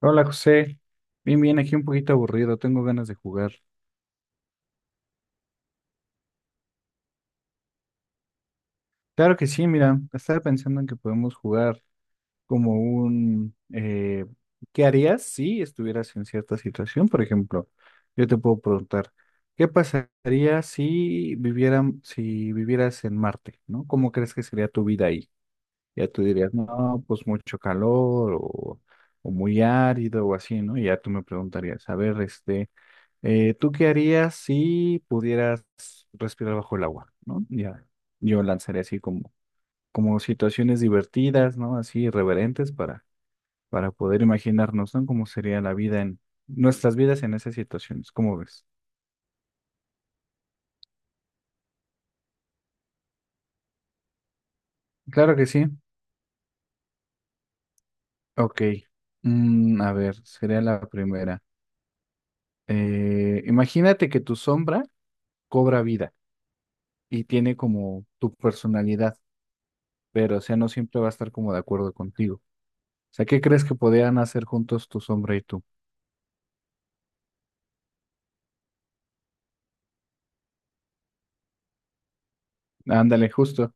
Hola José, bien, bien, aquí un poquito aburrido, tengo ganas de jugar. Claro que sí, mira, estaba pensando en que podemos jugar como ¿qué harías si estuvieras en cierta situación? Por ejemplo, yo te puedo preguntar, ¿qué pasaría si vivieras en Marte? ¿No? ¿Cómo crees que sería tu vida ahí? Ya tú dirías, no, pues mucho calor o muy árido o así, ¿no? Y ya tú me preguntarías, a ver, este... ¿tú qué harías si pudieras respirar bajo el agua? ¿No? Ya, yo lanzaré así como situaciones divertidas, ¿no? Así irreverentes para poder imaginarnos, ¿no? Cómo sería la vida en nuestras vidas en esas situaciones. ¿Cómo ves? Claro que sí. Ok. A ver, sería la primera. Imagínate que tu sombra cobra vida y tiene como tu personalidad, pero o sea, no siempre va a estar como de acuerdo contigo. Sea, ¿qué crees que podían hacer juntos tu sombra y tú? Ándale, justo.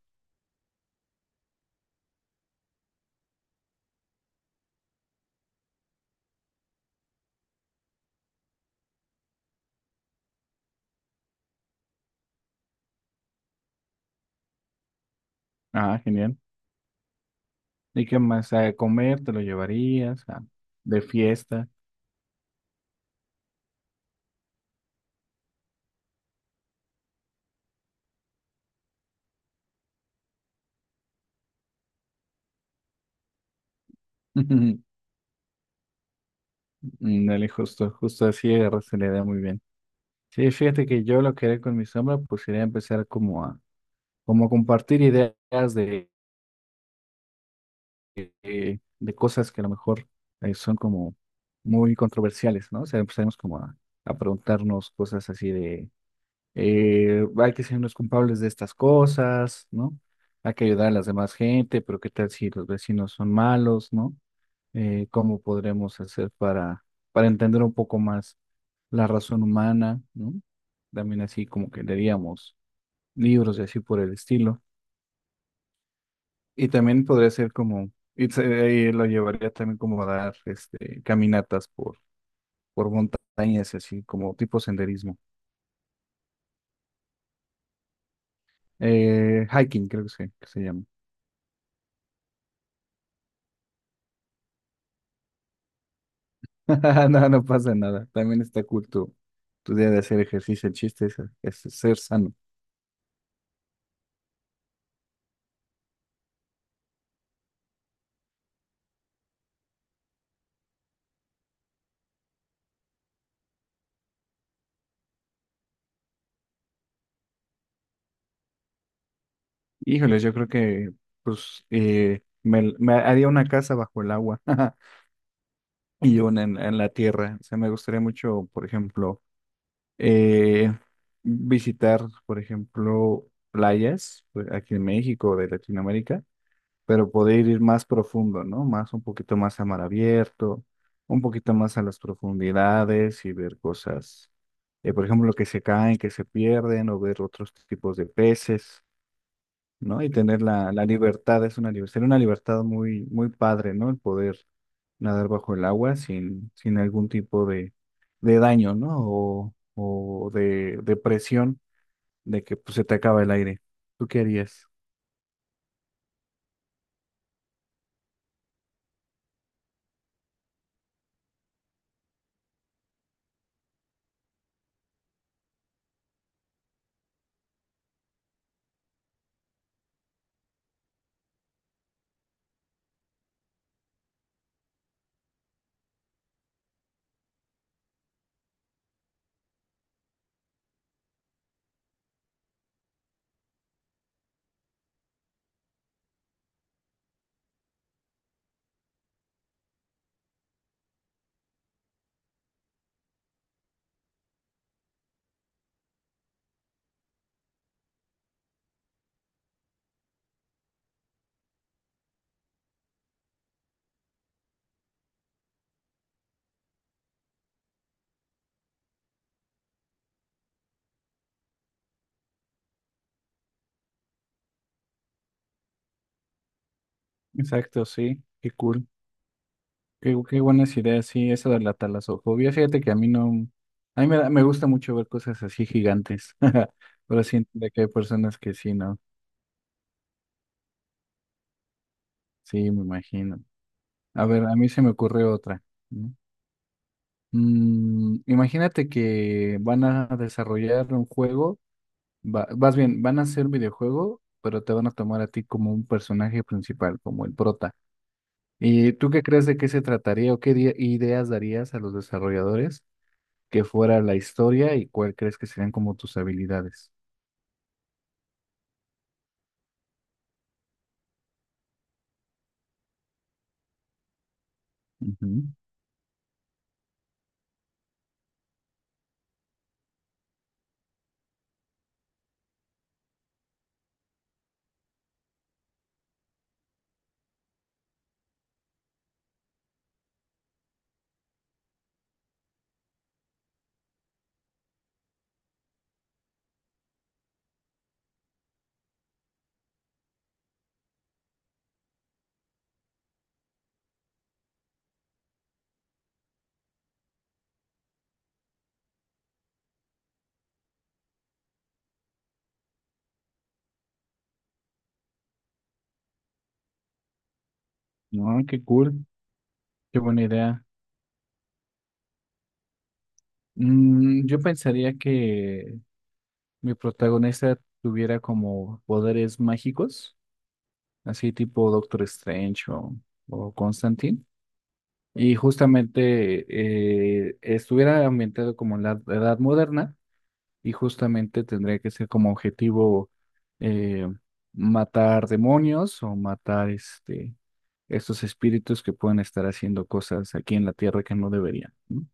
Ah, genial. ¿Y qué más? ¿A comer te lo llevarías? ¿De fiesta? Ándale, justo, justo así agarraste la idea muy bien. Sí, fíjate que yo lo que haré con mi sombra, pues sería empezar como a compartir ideas de cosas que a lo mejor son como muy controversiales, ¿no? O sea, empezaremos como a preguntarnos cosas así de hay que ser los culpables de estas cosas, ¿no? Hay que ayudar a las demás gente, pero ¿qué tal si los vecinos son malos? ¿No? ¿Cómo podremos hacer para entender un poco más la razón humana? ¿No? También así como que leeríamos libros y así por el estilo. Y también podría ser como, y ahí lo llevaría también como a dar caminatas por montañas, así como tipo senderismo. Hiking, creo que que se llama. No, no pasa nada. También está cool tu día de hacer ejercicio. El chiste es ser sano. Híjoles, yo creo que pues me haría una casa bajo el agua y una en la tierra. O sea, me gustaría mucho, por ejemplo, eh, visitar, por ejemplo, playas pues, aquí en México o de Latinoamérica. Pero poder ir más profundo, ¿no? Más un poquito más a mar abierto, un poquito más a las profundidades y ver cosas, por ejemplo, que se caen, que se pierden, o ver otros tipos de peces, ¿no? Y tener la libertad, es una libertad muy, muy padre, ¿no? El poder nadar bajo el agua sin algún tipo de daño, ¿no? O de presión de que pues, se te acaba el aire. ¿Tú qué harías? Exacto, sí, qué cool. Qué buenas ideas, sí, eso de la talasofobia. Fíjate que a mí no, a mí me gusta mucho ver cosas así gigantes. Pero sí entiendo que hay personas que sí, ¿no? Sí, me imagino. A ver, a mí se me ocurre otra. ¿No? Imagínate que van a desarrollar un juego, más bien, van a hacer un videojuego, pero te van a tomar a ti como un personaje principal, como el prota. ¿Y tú qué crees de qué se trataría o qué ideas darías a los desarrolladores? Que fuera la historia y cuál crees que serían como tus habilidades. Ujú. No, qué cool, qué buena idea. Yo pensaría que mi protagonista tuviera como poderes mágicos, así tipo Doctor Strange o Constantine, y justamente estuviera ambientado como en la edad moderna y justamente tendría que ser como objetivo eh, matar demonios o matar estos espíritus que pueden estar haciendo cosas aquí en la tierra que no deberían, ¿no?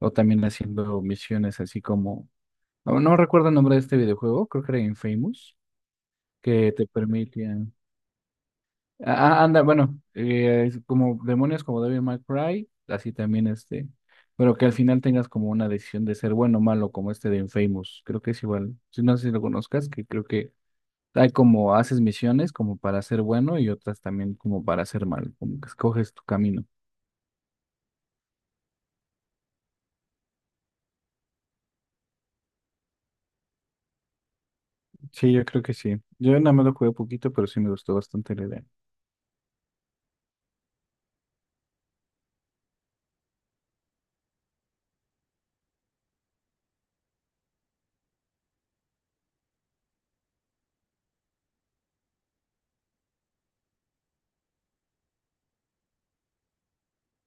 O también haciendo misiones así como, no, no recuerdo el nombre de este videojuego, creo que era Infamous, que te permitían, ah, anda, bueno, es como demonios como Devil May Cry, así también este, pero que al final tengas como una decisión de ser bueno o malo, como este de Infamous, creo que es igual, si no sé si lo conozcas, que creo que hay como haces misiones como para ser bueno y otras también como para ser malo, como que escoges tu camino. Sí, yo creo que sí. Yo nada más lo jugué poquito, pero sí me gustó bastante la idea.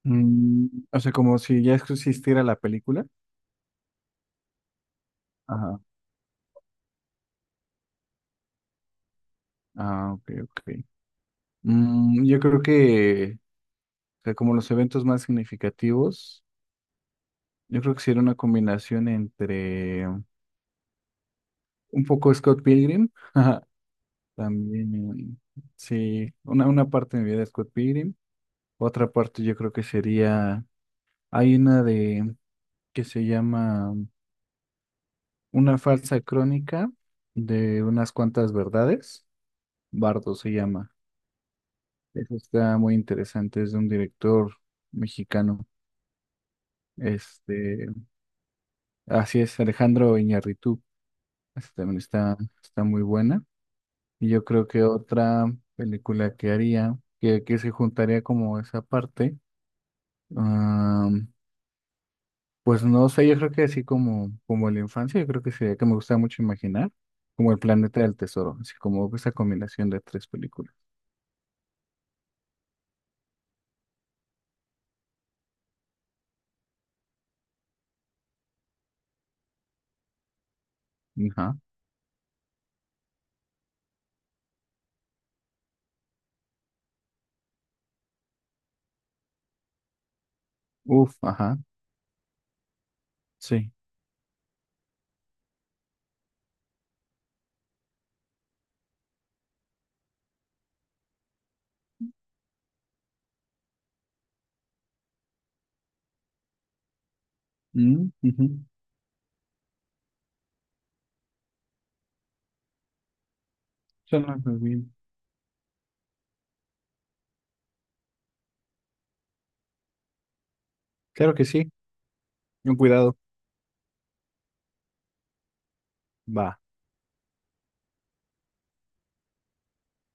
Mm, o sea, como si ya existiera la película. Ajá. Ah, ok, ok. Yo creo que, o sea, como los eventos más significativos, yo creo que sí era una combinación entre un poco Scott Pilgrim, ajá, también, sí, una parte de mi vida es Scott Pilgrim, otra parte yo creo que sería, hay una de, que se llama Una falsa crónica de unas cuantas verdades. Bardo se llama. Eso está muy interesante, es de un director mexicano. Este, así es, Alejandro Iñárritu. Esa también está muy buena. Y yo creo que otra película que haría, que se juntaría como esa parte, ah, pues no sé, yo creo que así como la infancia, yo creo que sería que me gusta mucho imaginar, como El Planeta del Tesoro, así como esa combinación de tres películas. Ajá. Uf, ajá, sí. Mm, ujú. Suena muy bien. Claro que sí, con cuidado. Va.